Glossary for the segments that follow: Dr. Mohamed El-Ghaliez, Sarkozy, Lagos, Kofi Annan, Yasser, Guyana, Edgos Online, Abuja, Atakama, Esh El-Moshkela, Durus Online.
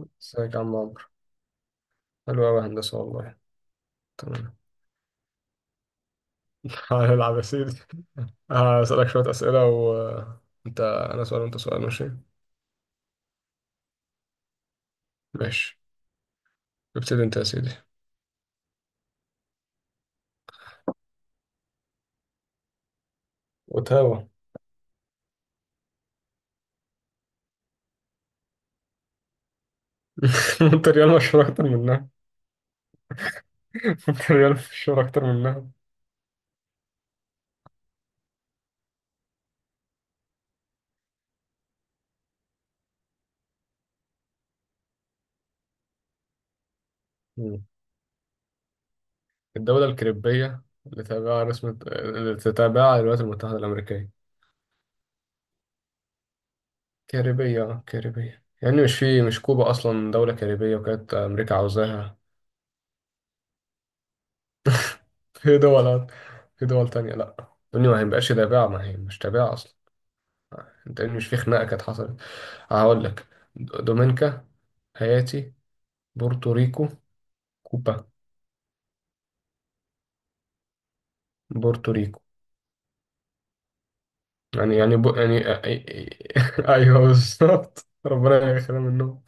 ازيك يا عم عمرو. حلو أوي، هندسة والله. تمام. هنلعب يا سيدي. هسألك شوية أسئلة، وأنت أنا سؤال وأنت سؤال، ماشي؟ ماشي. ابتدي أنت يا سيدي. وتاوة. أنت ريال مشهور أكتر منها. أنت ريال مشهور أكتر منها. مم. الدولة الكاريبية اللي تابعها رسم اللي تتابعها الولايات المتحدة الأمريكية؟ كاريبية، كاريبية يعني، مش في مش كوبا أصلا دولة كاريبية وكانت أمريكا عاوزاها. في دول في دول تانية، لا الدنيا ما هيبقاش تابعة، ما هي مش تابعة أصلا. أنت إيه، مش في خناقة كانت حصلت؟ هقول لك. دومينيكا. هايتي. بورتوريكو. كوبا. بورتوريكو. يعني. أيوه، بالظبط، ربنا يخلينا منهم.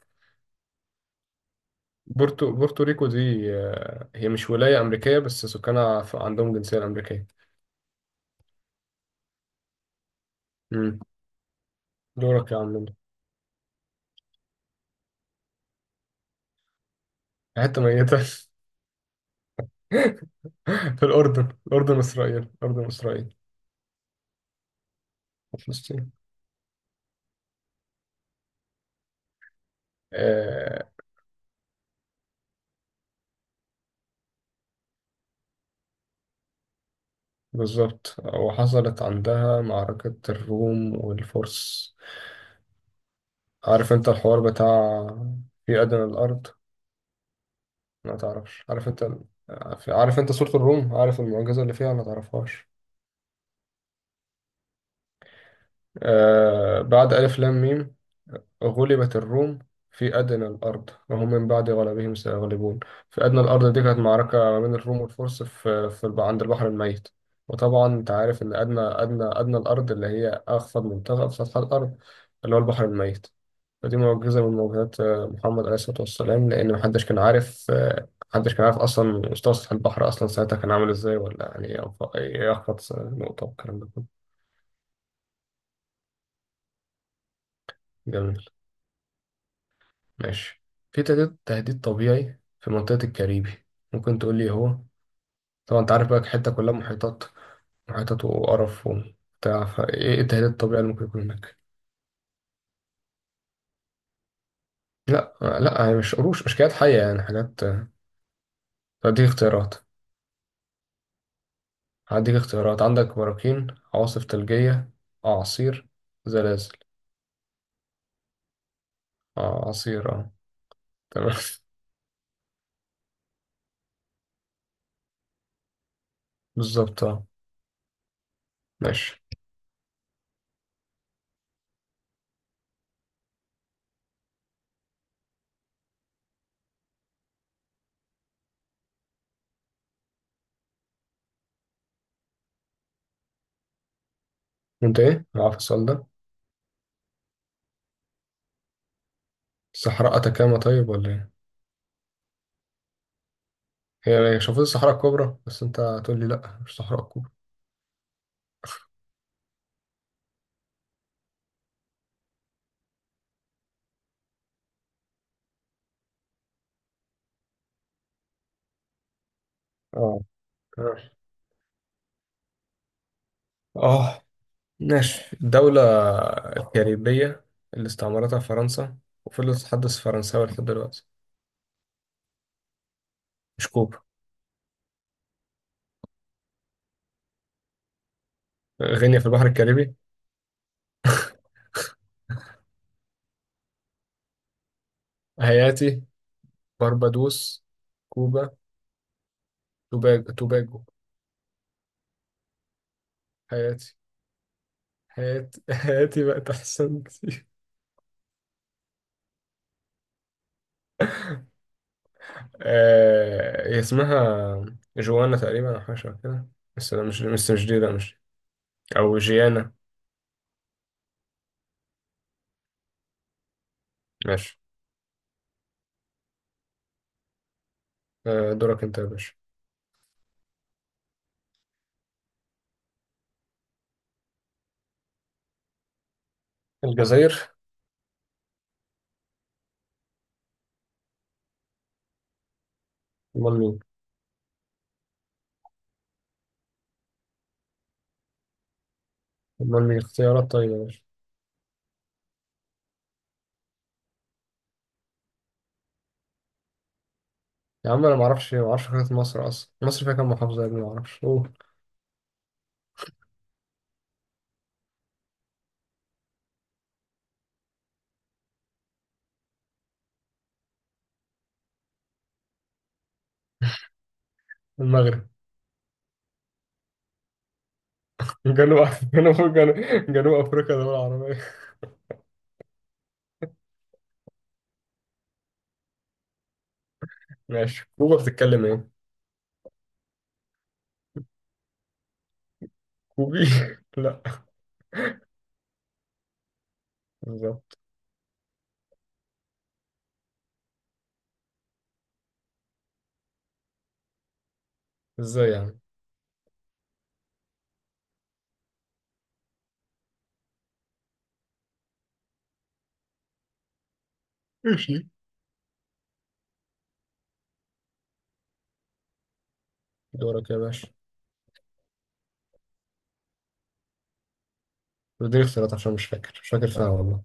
بورتوريكو دي، هي مش ولاية أمريكية بس سكانها عندهم جنسية أمريكية. مم. دورك يا عم، نمرة. حتة ميتة. في الأردن، إسرائيل. الأردن، إسرائيل، وفلسطين. آه بالظبط، وحصلت عندها معركة الروم والفرس. عارف انت الحوار بتاع في أدنى الأرض. ما تعرفش؟ عارف انت سورة الروم؟ عارف المعجزة اللي فيها؟ ما تعرفهاش؟ بعد ألف لام ميم، غلبت الروم، في أدنى الأرض وهم من بعد غلبهم سيغلبون. في أدنى الأرض دي كانت معركة ما بين الروم والفرس عند البحر الميت. وطبعا أنت عارف إن أدنى الأرض اللي هي أخفض منطقة في سطح الأرض، اللي هو البحر الميت. فدي معجزة من معجزات محمد عليه الصلاة والسلام، لأن محدش كان عارف. محدش كان عارف أصلا مستوى سطح البحر، أصلا ساعتها كان عامل إزاي، ولا يعني يخفض نقطة، والكلام ده كله. جميل. ماشي. في تهديد طبيعي في منطقة الكاريبي، ممكن تقول لي إيه هو؟ طبعا انت عارف بقى الحتة كلها محيطات. محيطات وقرف وبتاع، فايه إيه التهديد الطبيعي اللي ممكن يكون هناك؟ لا، لا، هي مش قروش، مش كائنات حية، يعني حاجات. هديك اختيارات. هديك اختيارات، عندك براكين، عواصف ثلجية، أعاصير، زلازل. أعاصير، اه. تمام. بالظبط، اه. ماشي. وانت ايه؟ عارف السؤال ده؟ الصحراء أتاكاما، طيب ولا ايه؟ هي، شوفوا، الصحراء الكبرى، بس انت هتقول لي لا مش الصحراء الكبرى. اه. آه. آه. ماشي، دولة كاريبية اللي استعمرتها فرنسا، وفضلت تتحدث فرنساوي لحد دلوقتي. مش كوبا. غينيا في البحر الكاريبي؟ هايتي. باربادوس. كوبا. توباجو. هايتي. هايتي. هايتي بقت أحسن كتير. هي اسمها جوانا تقريبا، أو حاجة شبه كده. بس لا، مش بس مش دي، لا مش دي. أو جيانا. ماشي. دورك أنت يا باشا. الجزائر. أمال مين؟ أمال مين؟ اختيارات طيبة يا باشا. يا عم، انا ما اعرفش خريطة مصر، اصلا مصر فيها كام محافظة يا ابني، ما اعرفش، اوه. المغرب. جنوب. جنوب افريقيا دولة عربية؟ ماشي، كوبا بتتكلم ايه؟ كوبي؟ لا. بالظبط. ازاي يعني؟ ماشي. دورك يا باشا. اديني اختيارات عشان مش فاكر فيها والله.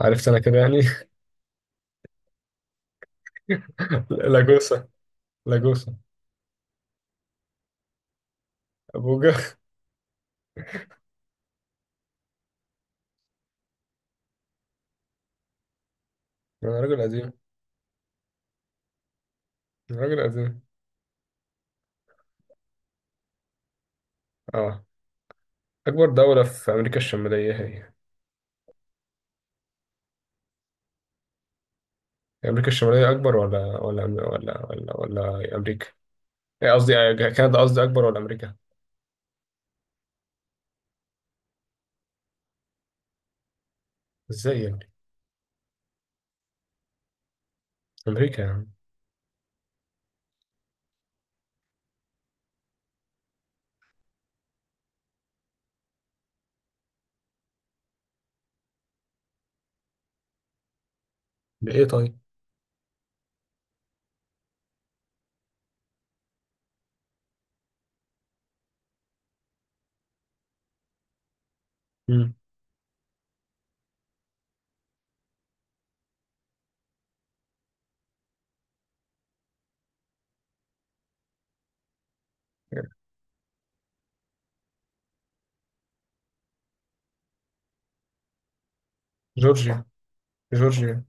عرفت انا كده يعني. لاجوسا. لاجوسا. ابوجا. انا راجل قديم. أنا راجل قديم. اه. اكبر دولة في امريكا الشمالية هي إيه؟ امريكا الشمالية اكبر، ولا ولا امريكا. إيه قصدي، كندا قصدي، أكبر ولا أمريكا؟ إزاي يا ابني؟ أمريكا يا عم. بإيه طيب؟ مم. جورجيا. جورجيا.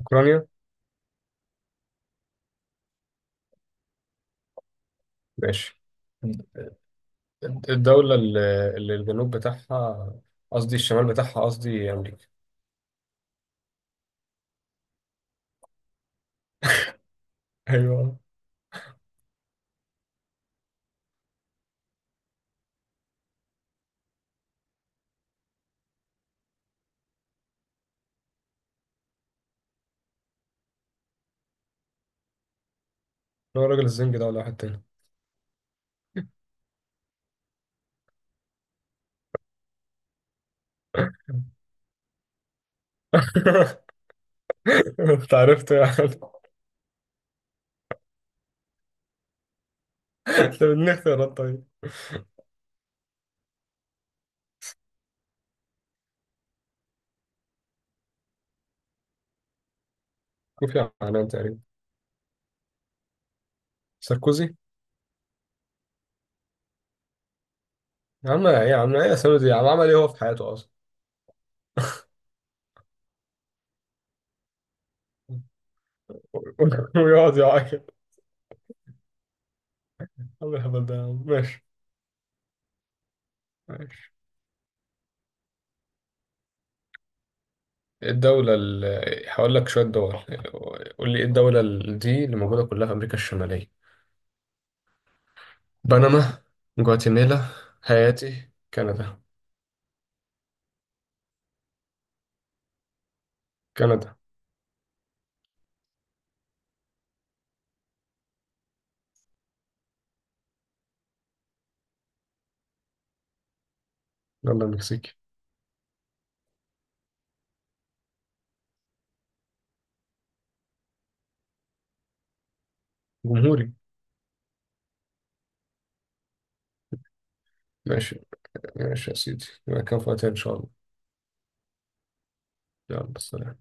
أوكرانيا. ماشي. الدولة اللي الجنوب بتاعها، قصدي الشمال بتاعها، قصدي أمريكا. أيوه. هو راجل الزنج ده ولا واحد تاني؟ أنت عرفت يعني. أنت بدني اختيارات طيب. كوفي عنان تقريبا. ساركوزي. يا عم إيه، يا سامي دي، يا عم عمل إيه هو في حياته أصلا؟ ويقعد يعاقب. عم الهبل ده يا عم، ماشي. ماشي. الدولة ال... هقول لك شوية دول. قول لي ايه الدولة دي، اللي موجودة كلها في أمريكا الشمالية؟ بنما. جواتيمالا. هايتي، كندا. كندا. يلا المكسيكي. جمهوري. ماشي. ماشي يا سيدي، يبقى كفاية إن شاء الله. يلا سلام.